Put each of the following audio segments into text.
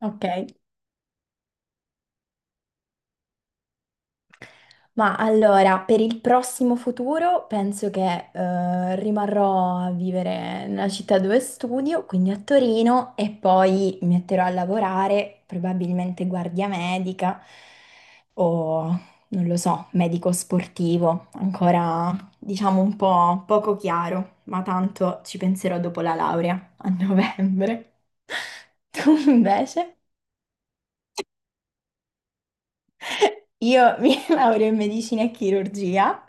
Ok, ma allora per il prossimo futuro penso che rimarrò a vivere nella città dove studio, quindi a Torino, e poi mi metterò a lavorare, probabilmente guardia medica o non lo so, medico sportivo, ancora diciamo un po' poco chiaro, ma tanto ci penserò dopo la laurea a novembre. Tu invece? Io mi laureo in medicina e chirurgia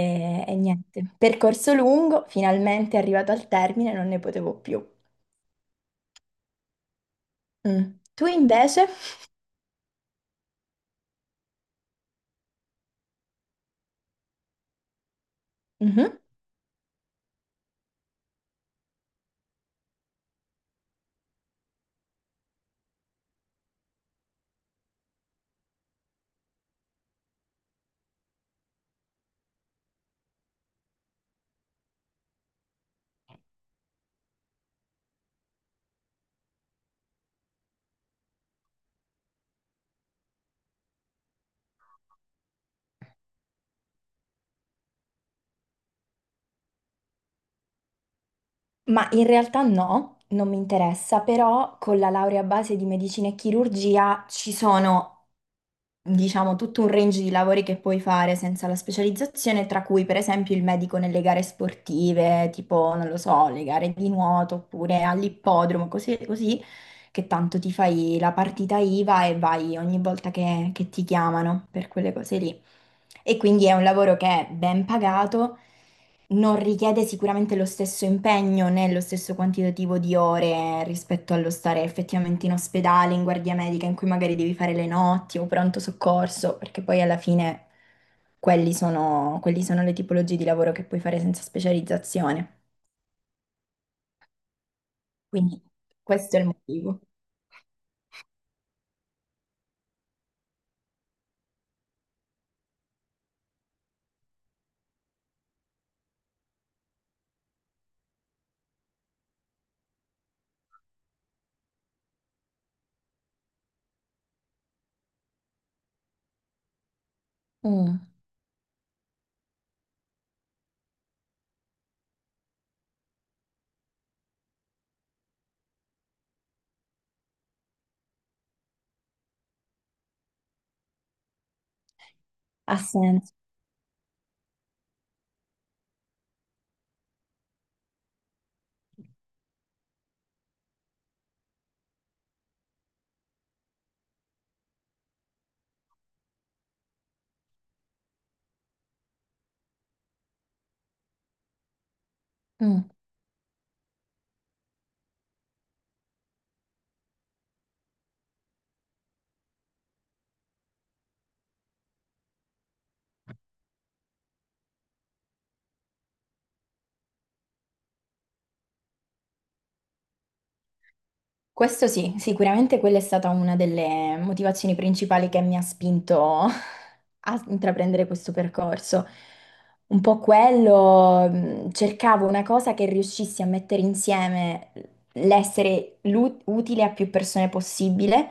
e niente, percorso lungo, finalmente arrivato al termine, non ne potevo più. Mm. Tu invece? Mhm. Ma in realtà no, non mi interessa, però con la laurea a base di medicina e chirurgia ci sono diciamo, tutto un range di lavori che puoi fare senza la specializzazione, tra cui per esempio il medico nelle gare sportive, tipo, non lo so, le gare di nuoto oppure all'ippodromo, così, così, che tanto ti fai la partita IVA e vai ogni volta che ti chiamano per quelle cose lì. E quindi è un lavoro che è ben pagato, non richiede sicuramente lo stesso impegno né lo stesso quantitativo di ore rispetto allo stare effettivamente in ospedale, in guardia medica, in cui magari devi fare le notti o pronto soccorso, perché poi alla fine quelli sono le tipologie di lavoro che puoi fare senza specializzazione. Quindi questo è il motivo. Mm, ha senso. Mm. Questo sì, sicuramente quella è stata una delle motivazioni principali che mi ha spinto a intraprendere questo percorso. Un po' quello, cercavo una cosa che riuscissi a mettere insieme l'essere utile a più persone possibile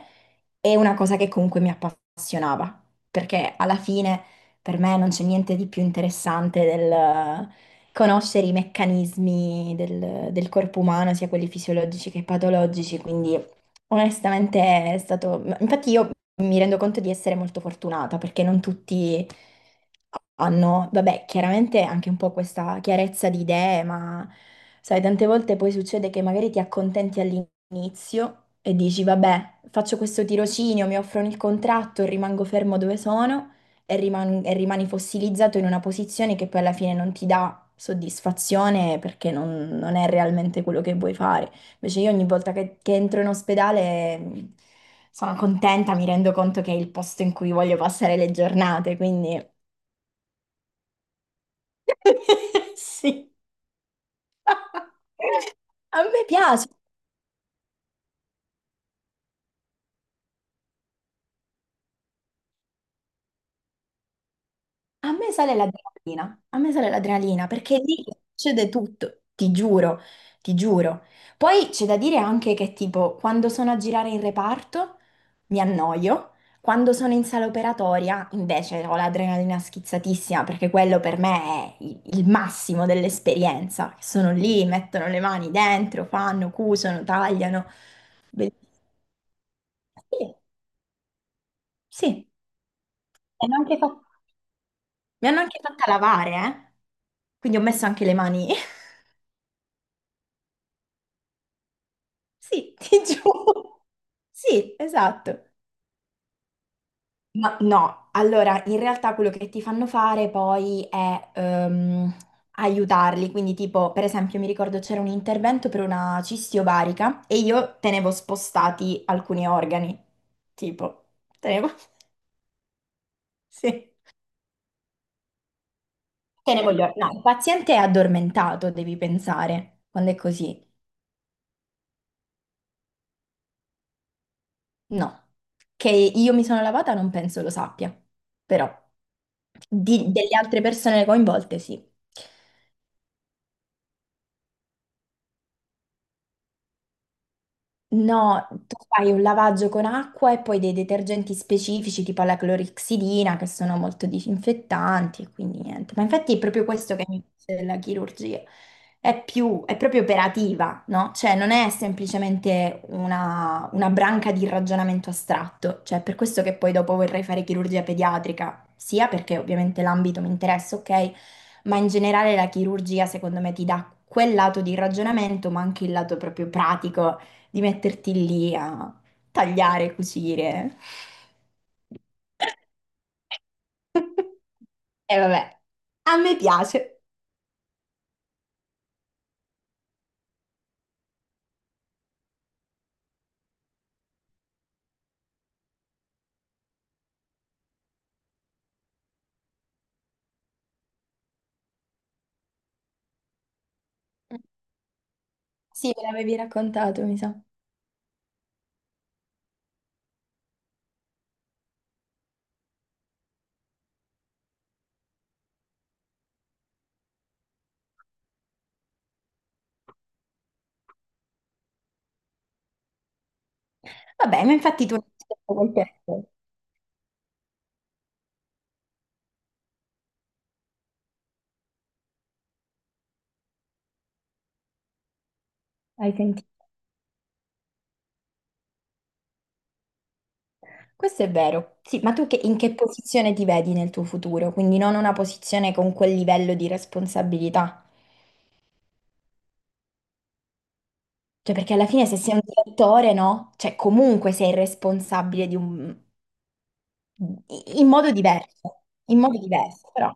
e una cosa che comunque mi appassionava, perché alla fine per me non c'è niente di più interessante conoscere i meccanismi del corpo umano, sia quelli fisiologici che patologici, quindi onestamente è stato... Infatti io mi rendo conto di essere molto fortunata perché non tutti hanno, vabbè, chiaramente anche un po' questa chiarezza di idee, ma sai, tante volte poi succede che magari ti accontenti all'inizio e dici, vabbè, faccio questo tirocinio, mi offrono il contratto, rimango fermo dove sono e rimani fossilizzato in una posizione che poi alla fine non ti dà soddisfazione perché non è realmente quello che vuoi fare. Invece io ogni volta che entro in ospedale sono contenta, mi rendo conto che è il posto in cui voglio passare le giornate, quindi sì, a me piace. A me sale l'adrenalina, a me sale l'adrenalina perché lì succede tutto, ti giuro, ti giuro. Poi c'è da dire anche che tipo quando sono a girare in reparto mi annoio, quando sono in sala operatoria invece ho l'adrenalina schizzatissima perché quello per me è il massimo dell'esperienza. Sono lì, mettono le mani dentro, fanno, cusano, tagliano. Bellissimo. Sì, sì. E anche fa- Mi hanno anche fatta lavare, eh? Quindi ho messo anche le mani. Sì, ti giuro. Sì, esatto. Ma no, allora in realtà quello che ti fanno fare poi è aiutarli, quindi tipo per esempio mi ricordo c'era un intervento per una cisti ovarica e io tenevo spostati alcuni organi, tipo, tenevo, sì, tenevo gli organi. No, il paziente è addormentato, devi pensare, quando è così. No, che io mi sono lavata non penso lo sappia, però delle altre persone coinvolte sì. No, tu fai un lavaggio con acqua e poi dei detergenti specifici tipo la clorixidina che sono molto disinfettanti e quindi niente. Ma infatti è proprio questo che mi piace della chirurgia. È proprio operativa, no? Cioè non è semplicemente una branca di ragionamento astratto. Cioè per questo che poi dopo vorrei fare chirurgia pediatrica, sia perché ovviamente l'ambito mi interessa, ok, ma in generale la chirurgia secondo me ti dà quel lato di ragionamento, ma anche il lato proprio pratico di metterti lì a tagliare, cucire. E vabbè. A me piace. Sì, me l'avevi raccontato, mi sa. Vabbè, ma infatti tu non hai detto quel pezzo. Hai sentito? Questo è vero. Sì, ma tu in che posizione ti vedi nel tuo futuro? Quindi non una posizione con quel livello di responsabilità. Cioè, perché alla fine se sei un direttore, no? Cioè, comunque sei responsabile di un... in modo diverso. In modo diverso, però.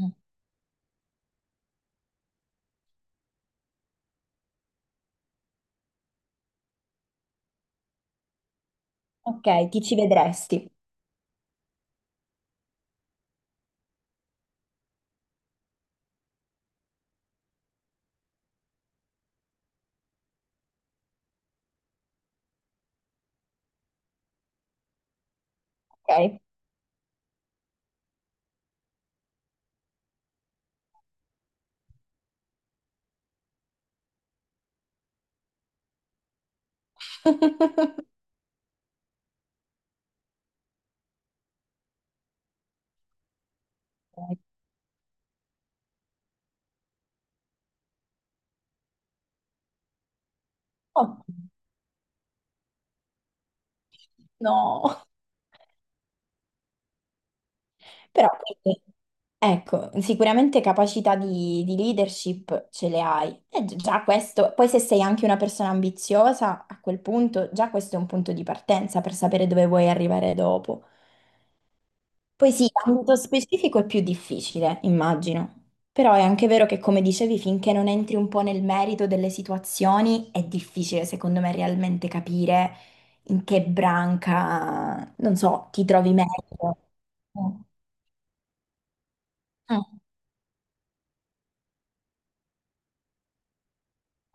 Mm. Ok, ti ci vedresti. Ok. Oh, no, però quindi, ecco, sicuramente capacità di leadership ce le hai. E già questo, poi se sei anche una persona ambiziosa, a quel punto già questo è un punto di partenza per sapere dove vuoi arrivare dopo. Poi sì, ambito specifico è più difficile, immagino. Però è anche vero che, come dicevi, finché non entri un po' nel merito delle situazioni, è difficile, secondo me, realmente capire in che branca, non so, ti trovi meglio. Mm. Mm.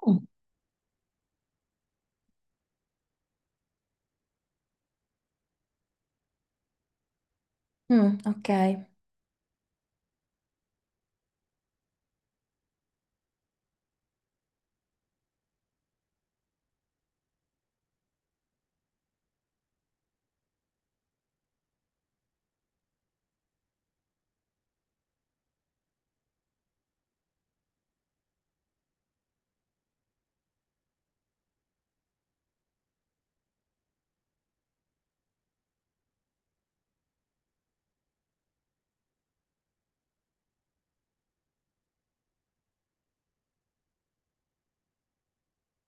Mm, Mm, Ok.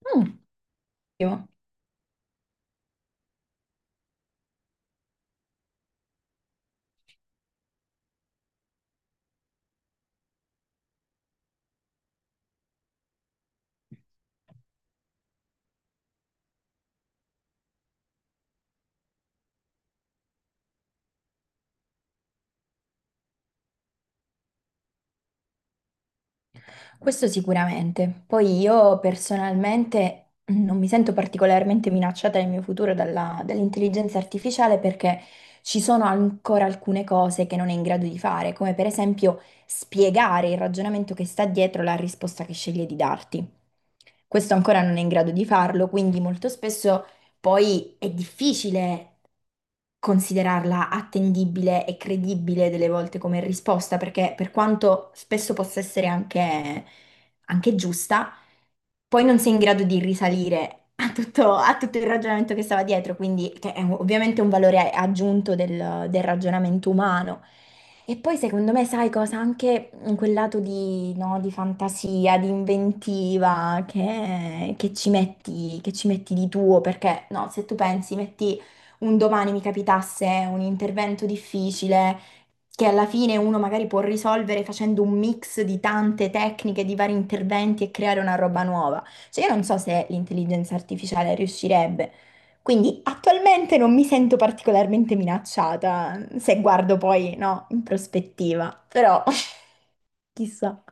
Mm. Ottimo. Questo sicuramente. Poi io personalmente non mi sento particolarmente minacciata nel mio futuro dall'intelligenza artificiale perché ci sono ancora alcune cose che non è in grado di fare, come per esempio spiegare il ragionamento che sta dietro la risposta che sceglie di darti. Questo ancora non è in grado di farlo, quindi molto spesso poi è difficile considerarla attendibile e credibile delle volte come risposta, perché per quanto spesso possa essere anche, anche giusta, poi non sei in grado di risalire a tutto il ragionamento che stava dietro, quindi che è un- ovviamente un valore aggiunto del del ragionamento umano. E poi secondo me, sai cosa? Anche in quel lato di, no, di fantasia, di inventiva che ci metti di tuo, perché no, se tu pensi, metti un domani mi capitasse un intervento difficile che alla fine uno magari può risolvere facendo un mix di tante tecniche, di vari interventi e creare una roba nuova. Cioè io non so se l'intelligenza artificiale riuscirebbe. Quindi attualmente non mi sento particolarmente minacciata, se guardo poi, no, in prospettiva, però chissà.